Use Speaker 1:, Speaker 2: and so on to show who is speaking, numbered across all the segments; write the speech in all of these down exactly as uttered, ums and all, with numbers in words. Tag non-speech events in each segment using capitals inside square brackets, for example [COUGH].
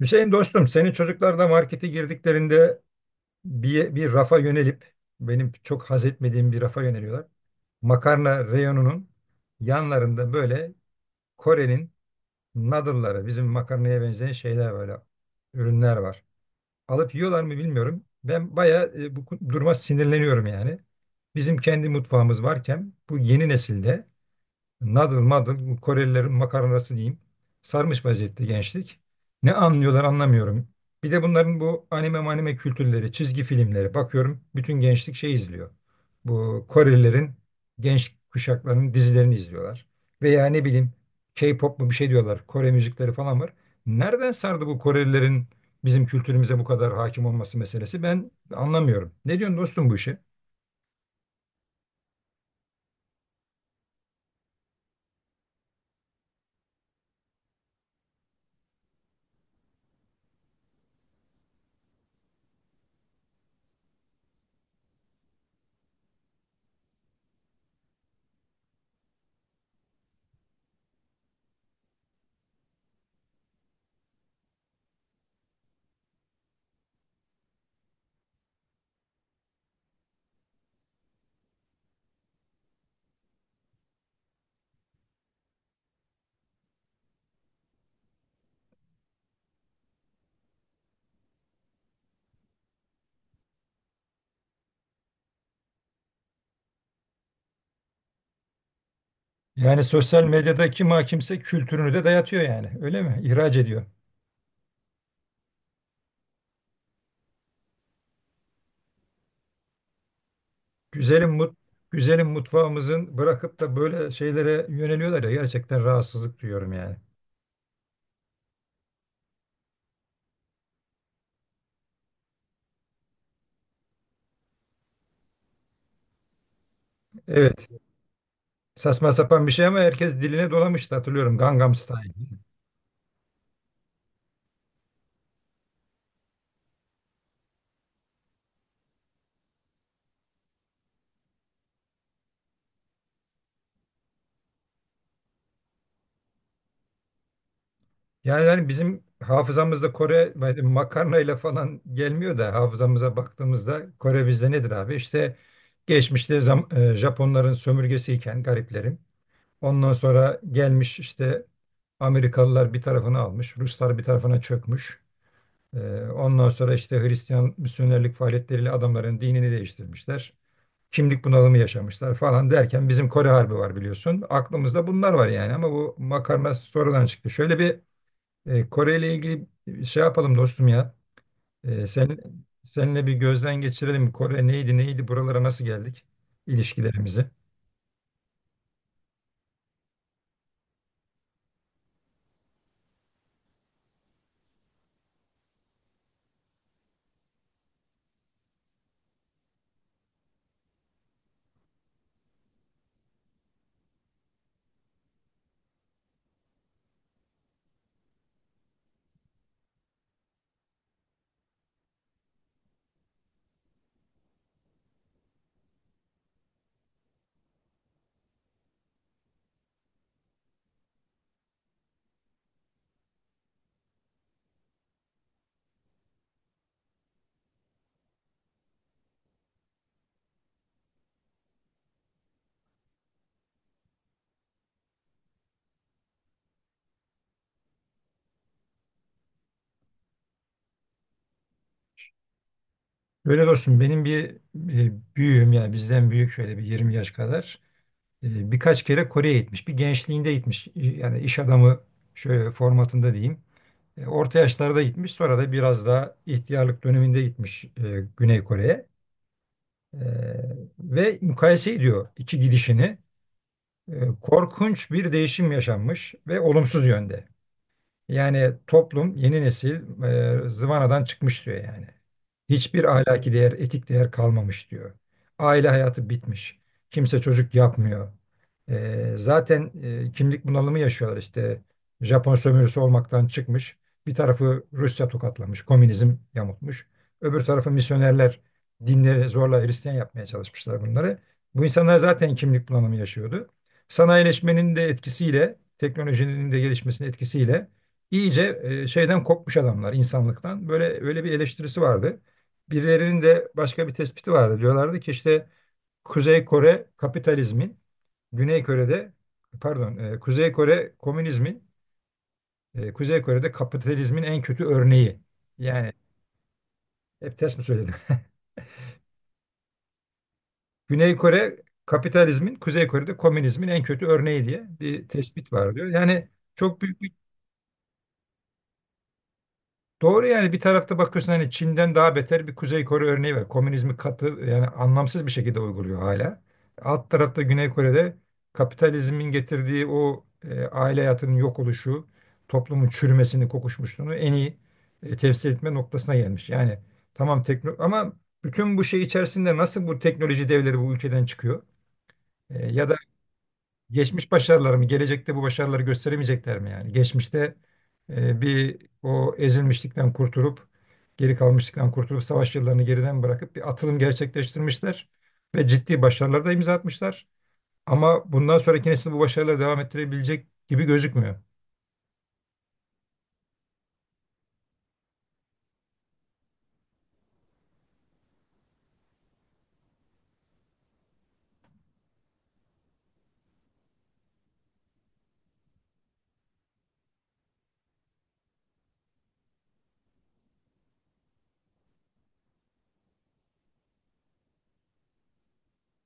Speaker 1: Hüseyin dostum, senin çocuklar da markete girdiklerinde bir, bir rafa yönelip, benim çok haz etmediğim bir rafa yöneliyorlar. Makarna reyonunun yanlarında böyle Kore'nin noodle'ları, bizim makarnaya benzeyen şeyler böyle, ürünler var. Alıp yiyorlar mı bilmiyorum. Ben bayağı e, bu duruma sinirleniyorum yani. Bizim kendi mutfağımız varken bu yeni nesilde Nadıl madıl Korelilerin makarnası diyeyim. Sarmış vaziyette gençlik. Ne anlıyorlar anlamıyorum. Bir de bunların bu anime manime kültürleri, çizgi filmleri. Bakıyorum bütün gençlik şey izliyor. Bu Korelilerin genç kuşaklarının dizilerini izliyorlar. Veya ne bileyim K-pop mu bir şey diyorlar. Kore müzikleri falan var. Nereden sardı bu Korelilerin bizim kültürümüze bu kadar hakim olması meselesi? Ben anlamıyorum. Ne diyorsun dostum bu işe? Yani sosyal medyadaki ma kimse kültürünü de dayatıyor yani. Öyle mi? İhraç ediyor. Güzelim mut Güzelim mutfağımızın bırakıp da böyle şeylere yöneliyorlar ya gerçekten rahatsızlık duyuyorum yani. Evet. Saçma sapan bir şey ama herkes diline dolamıştı hatırlıyorum Gangnam Style. Yani, yani bizim hafızamızda Kore böyle makarnayla falan gelmiyor da hafızamıza baktığımızda Kore bizde nedir abi? İşte geçmişte zam- e, Japonların sömürgesiyken gariplerin, ondan sonra gelmiş işte Amerikalılar bir tarafını almış, Ruslar bir tarafına çökmüş. Ee, ondan sonra işte Hristiyan misyonerlik faaliyetleriyle adamların dinini değiştirmişler. Kimlik bunalımı yaşamışlar falan derken bizim Kore Harbi var biliyorsun. Aklımızda bunlar var yani ama bu makarna sonradan çıktı. Şöyle bir e, Kore ile ilgili şey yapalım dostum ya. E, sen Seninle bir gözden geçirelim. Kore neydi neydi buralara nasıl geldik ilişkilerimizi. Öyle dostum benim bir e, büyüğüm yani bizden büyük şöyle bir yirmi yaş kadar e, birkaç kere Kore'ye gitmiş. Bir gençliğinde gitmiş e, yani iş adamı şöyle formatında diyeyim. E, orta yaşlarda gitmiş sonra da biraz daha ihtiyarlık döneminde gitmiş e, Güney Kore'ye. E, Ve mukayese ediyor iki gidişini. E, Korkunç bir değişim yaşanmış ve olumsuz yönde. Yani toplum, yeni nesil e, zıvanadan çıkmış diyor yani. Hiçbir ahlaki değer, etik değer kalmamış diyor. Aile hayatı bitmiş. Kimse çocuk yapmıyor. E, zaten e, kimlik bunalımı yaşıyorlar işte. Japon sömürüsü olmaktan çıkmış. Bir tarafı Rusya tokatlamış, komünizm yamutmuş. Öbür tarafı misyonerler dinleri zorla Hristiyan yapmaya çalışmışlar bunları. Bu insanlar zaten kimlik bunalımı yaşıyordu. Sanayileşmenin de etkisiyle, teknolojinin de gelişmesinin etkisiyle İyice e, şeyden kopmuş adamlar insanlıktan. Böyle öyle bir eleştirisi vardı. Birilerinin de başka bir tespiti vardı. Diyorlardı ki işte Kuzey Kore kapitalizmin, Güney Kore'de pardon e, Kuzey Kore komünizmin, e, Kuzey Kore'de kapitalizmin en kötü örneği. Yani hep ters mi söyledim? [LAUGHS] Güney Kore kapitalizmin, Kuzey Kore'de komünizmin en kötü örneği diye bir tespit var diyor. Yani çok büyük bir. Doğru yani, bir tarafta bakıyorsun hani Çin'den daha beter bir Kuzey Kore örneği var. Komünizmi katı yani anlamsız bir şekilde uyguluyor hala. Alt tarafta Güney Kore'de kapitalizmin getirdiği o e, aile hayatının yok oluşu, toplumun çürümesini, kokuşmuşluğunu en iyi e, temsil etme noktasına gelmiş. Yani tamam tekno ama bütün bu şey içerisinde nasıl bu teknoloji devleri bu ülkeden çıkıyor? E, ya da geçmiş başarıları mı? Gelecekte bu başarıları gösteremeyecekler mi yani? Geçmişte e, bir o ezilmişlikten kurtulup, geri kalmışlıktan kurtulup, savaş yıllarını geriden bırakıp bir atılım gerçekleştirmişler ve ciddi başarılar da imza atmışlar. Ama bundan sonraki nesil bu başarıları devam ettirebilecek gibi gözükmüyor.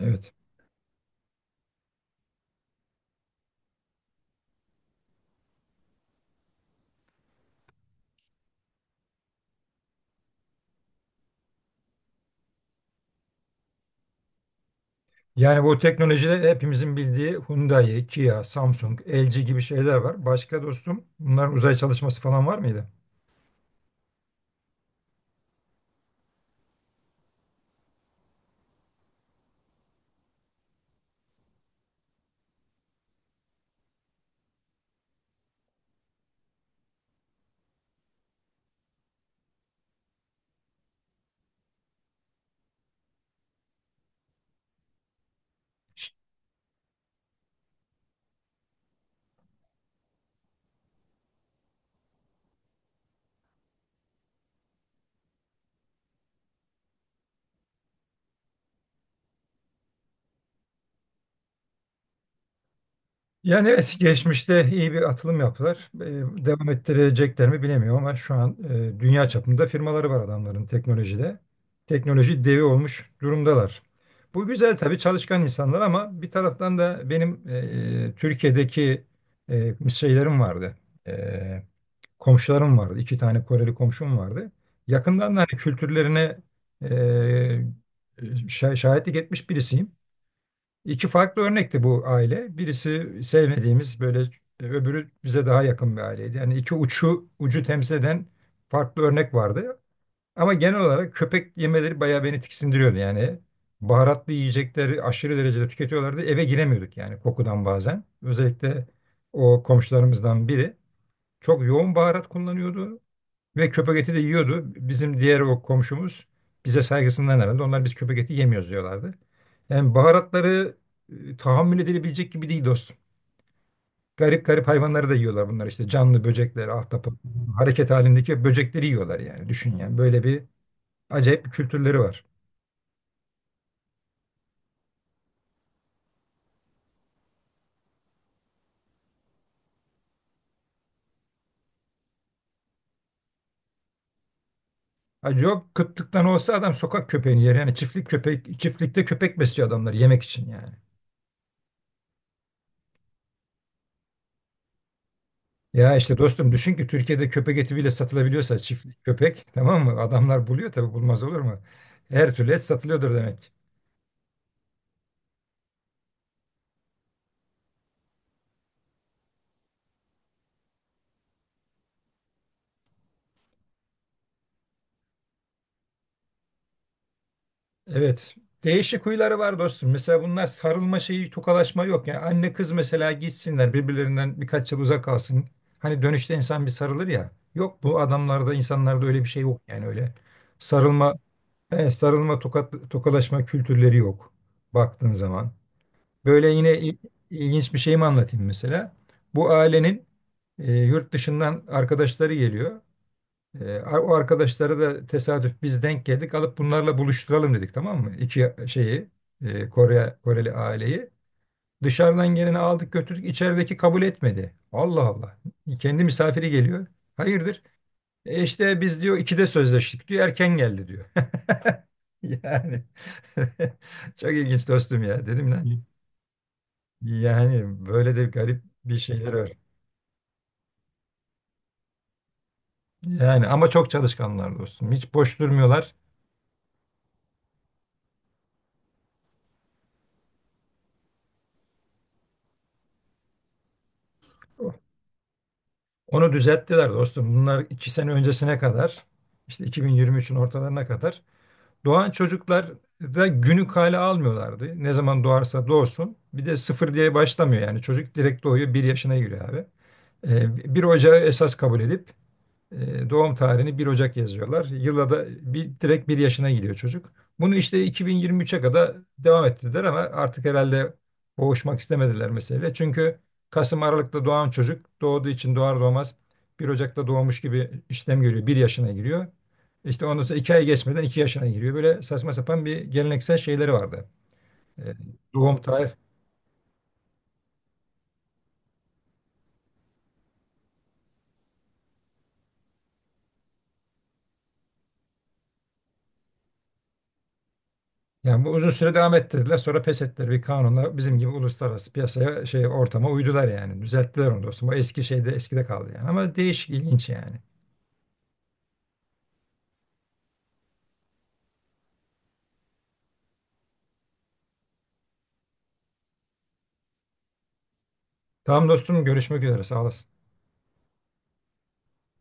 Speaker 1: Evet. Yani bu teknolojide hepimizin bildiği Hyundai, Kia, Samsung, L G gibi şeyler var. Başka dostum bunların uzay çalışması falan var mıydı? Yani evet geçmişte iyi bir atılım yaptılar. Ee, devam ettirecekler mi bilemiyorum ama şu an e, dünya çapında firmaları var adamların teknolojide. Teknoloji devi olmuş durumdalar. Bu güzel tabii çalışkan insanlar ama bir taraftan da benim e, Türkiye'deki e, şeylerim vardı. E, Komşularım vardı. İki tane Koreli komşum vardı. Yakından da hani kültürlerine e, şah- şahitlik etmiş birisiyim. İki farklı örnekti bu aile. Birisi sevmediğimiz böyle e, öbürü bize daha yakın bir aileydi. Yani iki uçu ucu temsil eden farklı örnek vardı. Ama genel olarak köpek yemeleri bayağı beni tiksindiriyordu. Yani baharatlı yiyecekleri aşırı derecede tüketiyorlardı. Eve giremiyorduk yani kokudan bazen. Özellikle o komşularımızdan biri çok yoğun baharat kullanıyordu. Ve köpek eti de yiyordu. Bizim diğer o komşumuz bize saygısından herhalde. Onlar biz köpek eti yemiyoruz diyorlardı. Yani baharatları e, tahammül edilebilecek gibi değil dostum. Garip garip hayvanları da yiyorlar bunlar işte. Canlı böcekler, ahtapot, hareket halindeki böcekleri yiyorlar yani. Düşün yani böyle bir acayip bir kültürleri var. Ha, yok, kıtlıktan olsa adam sokak köpeğini yer. Yani çiftlik köpek, çiftlikte köpek besliyor adamlar yemek için yani. Ya işte dostum düşün ki Türkiye'de köpek eti bile satılabiliyorsa çiftlik köpek tamam mı? Adamlar buluyor tabii bulmaz olur mu? Her türlü et satılıyordur demek. Evet. Değişik huyları var dostum. Mesela bunlar sarılma şeyi, tokalaşma yok. Yani anne kız mesela gitsinler birbirlerinden birkaç yıl uzak kalsın. Hani dönüşte insan bir sarılır ya. Yok bu adamlarda insanlarda öyle bir şey yok yani öyle. Sarılma, e, sarılma, tokat, tokalaşma kültürleri yok baktığın zaman. Böyle yine il- ilginç bir şeyimi anlatayım mesela. Bu ailenin e, yurt dışından arkadaşları geliyor. E, a- o arkadaşları da tesadüf biz denk geldik. Alıp bunlarla buluşturalım dedik tamam mı? İki şeyi e, Kore Koreli aileyi. Dışarıdan geleni aldık götürdük. İçerideki kabul etmedi. Allah Allah. Kendi misafiri geliyor. Hayırdır? E işte biz diyor ikide sözleştik diyor. Erken geldi diyor. [LAUGHS] Yani [LAUGHS] çok ilginç dostum ya. Dedim lan yani böyle de garip bir şeyler var. Yani ama çok çalışkanlar dostum. Hiç boş durmuyorlar. Onu düzelttiler dostum. Bunlar iki sene öncesine kadar, işte iki bin yirmi üçün ortalarına kadar doğan çocuklar da günü kale almıyorlardı. Ne zaman doğarsa doğsun. Bir de sıfır diye başlamıyor yani. Çocuk direkt doğuyor, bir yaşına giriyor abi. Ee, bir ocağı esas kabul edip E, doğum tarihini bir Ocak yazıyorlar. Yıla da bir, direkt bir yaşına giriyor çocuk. Bunu işte iki bin yirmi üçe kadar devam ettirdiler ama artık herhalde boğuşmak istemediler meseleyle. Çünkü Kasım Aralık'ta doğan çocuk doğduğu için doğar doğmaz bir Ocak'ta doğmuş gibi işlem görüyor. Bir yaşına giriyor. İşte ondan sonra iki ay geçmeden iki yaşına giriyor. Böyle saçma sapan bir geleneksel şeyleri vardı. E, doğum tarih Yani bu uzun süre devam ettirdiler. Sonra pes ettiler bir kanunla bizim gibi uluslararası piyasaya şey ortama uydular yani. Düzelttiler onu dostum. O eski şeyde eskide kaldı yani. Ama değişik ilginç yani. Tamam dostum görüşmek üzere sağ olasın.